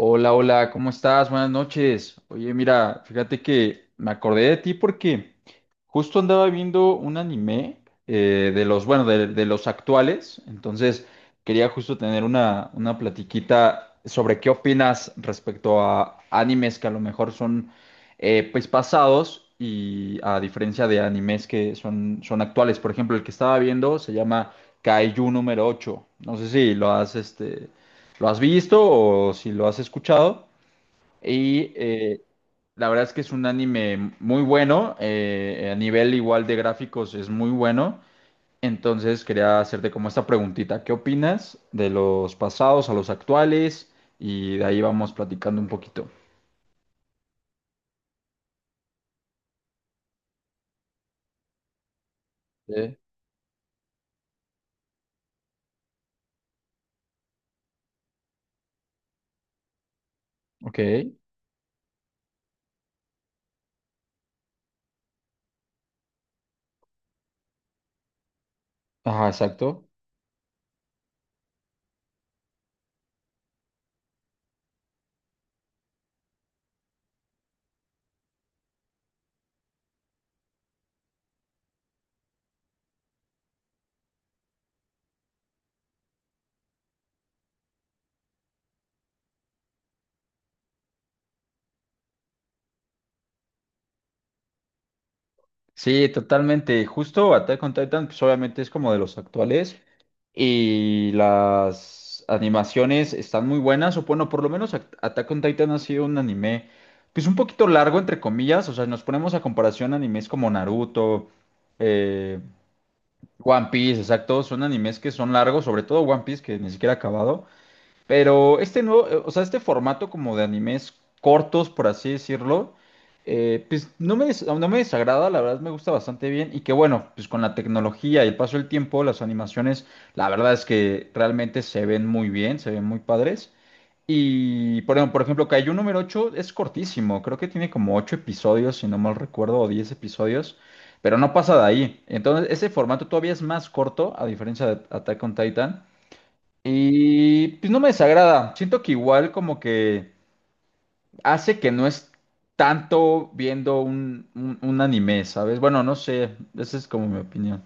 Hola, hola, ¿cómo estás? Buenas noches. Oye, mira, fíjate que me acordé de ti porque justo andaba viendo un anime de los, bueno, de los actuales. Entonces, quería justo tener una platiquita sobre qué opinas respecto a animes que a lo mejor son pues pasados y a diferencia de animes que son actuales. Por ejemplo, el que estaba viendo se llama Kaiju número ocho. No sé si lo has, lo has visto o si lo has escuchado. Y eh, la verdad es que es un anime muy bueno, a nivel igual de gráficos es muy bueno. Entonces quería hacerte como esta preguntita, ¿qué opinas de los pasados a los actuales? Y de ahí vamos platicando un poquito. Sí. Ok, ajá, exacto. Sí, totalmente. Justo Attack on Titan, pues obviamente es como de los actuales y las animaciones están muy buenas, o bueno, por lo menos Attack on Titan ha sido un anime, pues un poquito largo, entre comillas, o sea, nos ponemos a comparación a animes como Naruto, eh, One Piece, exacto, son animes que son largos, sobre todo One Piece, que ni siquiera ha acabado, pero este nuevo, o sea, este formato como de animes cortos, por así decirlo, pues no me desagrada, la verdad me gusta bastante bien. Y que bueno, pues con la tecnología y el paso del tiempo, las animaciones, la verdad es que realmente se ven muy bien, se ven muy padres. Por ejemplo, Kaiju número ocho es cortísimo, creo que tiene como 8 episodios, si no mal recuerdo, o 10 episodios, pero no pasa de ahí. Entonces, ese formato todavía es más corto, a diferencia de Attack on Titan. Y pues no me desagrada. Siento que igual como que hace que no es tanto viendo un anime, ¿sabes? Bueno, no sé. Esa es como mi opinión.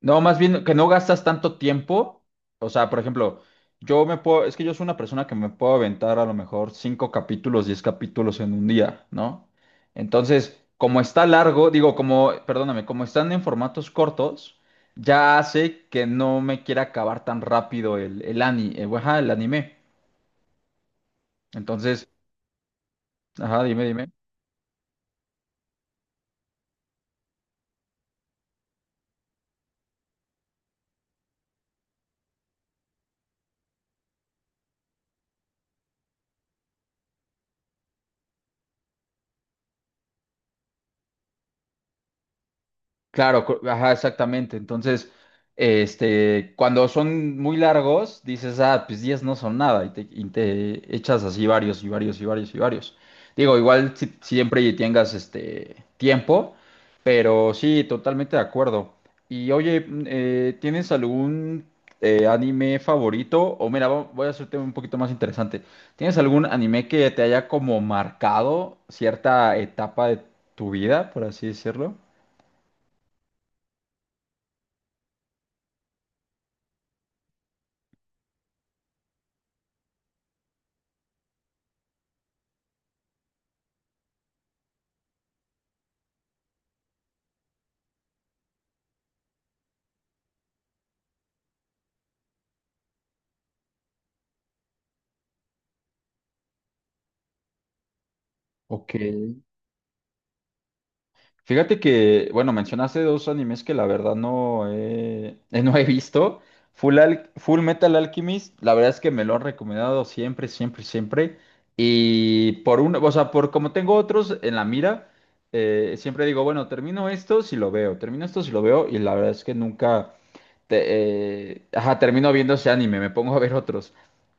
No, más bien que no gastas tanto tiempo. O sea, por ejemplo, es que yo soy una persona que me puedo aventar a lo mejor cinco capítulos, diez capítulos en un día, ¿no? Entonces, como está largo, digo, como, perdóname, como están en formatos cortos, ya hace que no me quiera acabar tan rápido ajá, el anime. Entonces, ajá, dime, dime. Claro, ajá, exactamente. Entonces, este, cuando son muy largos, dices, ah, pues 10 no son nada, y te echas así varios y varios y varios y varios. Digo, igual si- siempre tengas este tiempo, pero sí, totalmente de acuerdo. Y oye, ¿tienes algún anime favorito? O mira, voy a hacerte un poquito más interesante. ¿Tienes algún anime que te haya como marcado cierta etapa de tu vida, por así decirlo? Ok. Fíjate que, bueno, mencionaste dos animes que la verdad no he, no he visto. Full Metal Alchemist, la verdad es que me lo han recomendado siempre, siempre, siempre. Y por uno, o sea, por como tengo otros en la mira, siempre digo, bueno, termino esto si lo veo, termino esto si lo veo, y la verdad es que nunca te- ajá, termino viendo ese anime, me pongo a ver otros.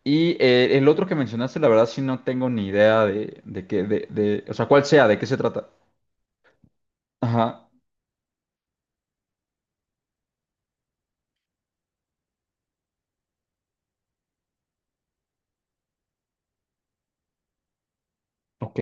El otro que mencionaste, la verdad sí no tengo ni idea de, de, o sea, cuál sea, de qué se trata. Ajá. Ok,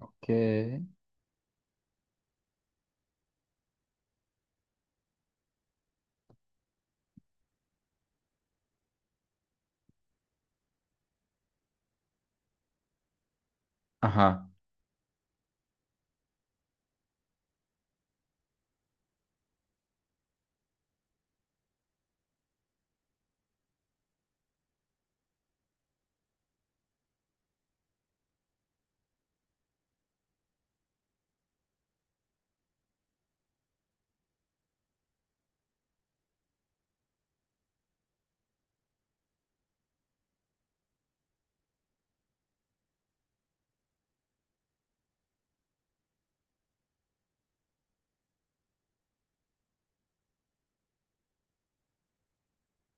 ok. Ajá,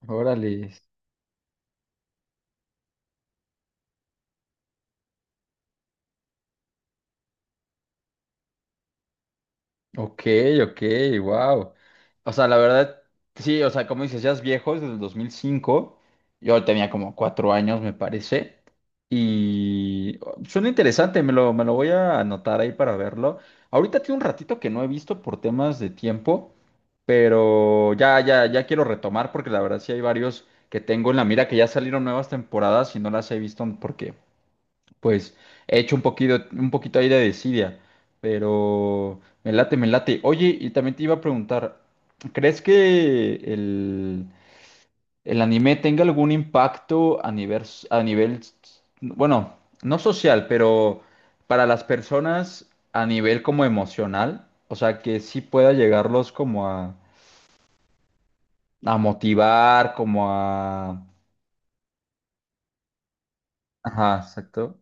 órale. Ok, ok, wow. O sea, la verdad, sí, o sea, como dices, ya es viejo, es del 2005. Yo tenía como 4 años, me parece. Y oh, suena interesante, me lo voy a anotar ahí para verlo. Ahorita tiene un ratito que no he visto por temas de tiempo, pero ya, ya, ya quiero retomar porque la verdad sí hay varios que tengo en la mira que ya salieron nuevas temporadas y no las he visto porque pues he hecho un poquito ahí de desidia, pero me late, me late. Oye, y también te iba a preguntar, ¿crees que el anime tenga algún impacto a nivel, bueno, no social, pero para las personas a nivel como emocional? O sea, que sí pueda llegarlos como a motivar, como a... Ajá, exacto.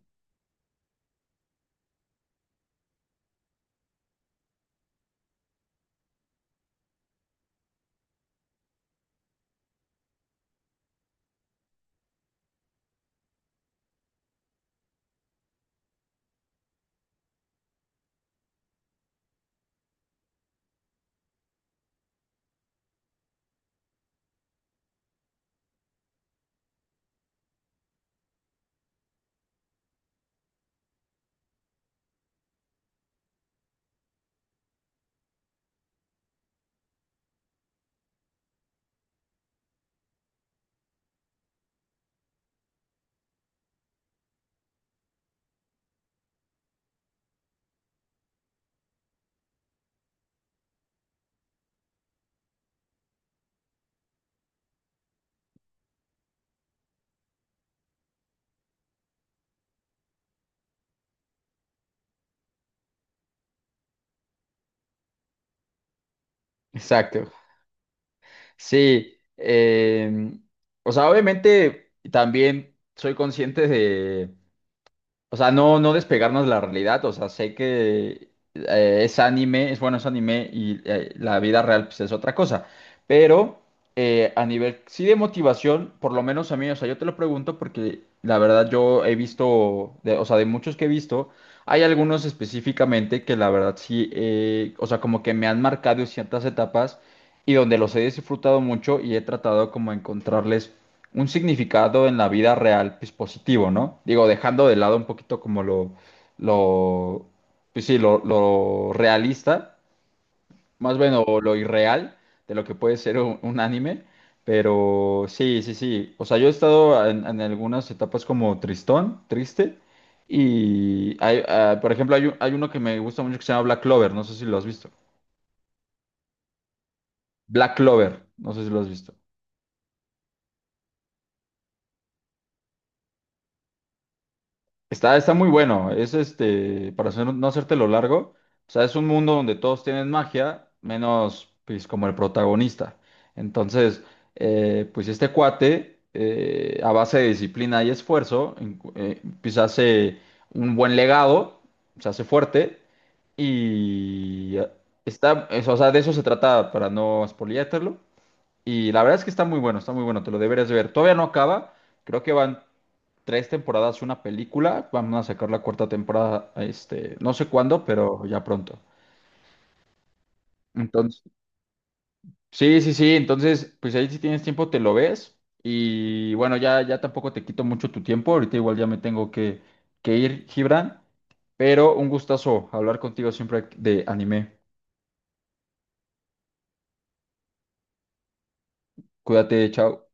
Exacto, sí, o sea, obviamente también soy consciente de, o sea, no, no despegarnos de la realidad. O sea, sé que es anime, es bueno, es anime y la vida real pues, es otra cosa. Pero a nivel, sí de motivación, por lo menos a mí, o sea, yo te lo pregunto porque la verdad yo he visto, o sea, de muchos que he visto, hay algunos específicamente que la verdad sí, o sea, como que me han marcado en ciertas etapas y donde los he disfrutado mucho y he tratado como encontrarles un significado en la vida real, pues positivo, ¿no? Digo, dejando de lado un poquito como lo, pues sí, lo realista, más bien o lo irreal de lo que puede ser un anime, pero sí, sí, sí. O sea, yo he estado en algunas etapas como tristón, triste, y hay, ah, por ejemplo, hay uno que me gusta mucho que se llama Black Clover, no sé si lo has visto. Black Clover, no sé si lo has visto. Está, está muy bueno. Es este, no hacértelo largo, o sea, es un mundo donde todos tienen magia, menos pues como el protagonista. Entonces, pues este cuate, a base de disciplina y esfuerzo, pues hace un buen legado, se hace fuerte y está, o sea, de eso se trata para no spoileártelo. Y la verdad es que está muy bueno, te lo deberías de ver. Todavía no acaba, creo que van 3 temporadas, una película. Vamos a sacar la cuarta temporada, este, no sé cuándo, pero ya pronto. Entonces, sí, sí, sí. Entonces, pues ahí si tienes tiempo te lo ves. Y bueno, ya, ya tampoco te quito mucho tu tiempo. Ahorita igual ya me tengo que ir, Gibran. Pero un gustazo hablar contigo siempre de anime. Cuídate, chao.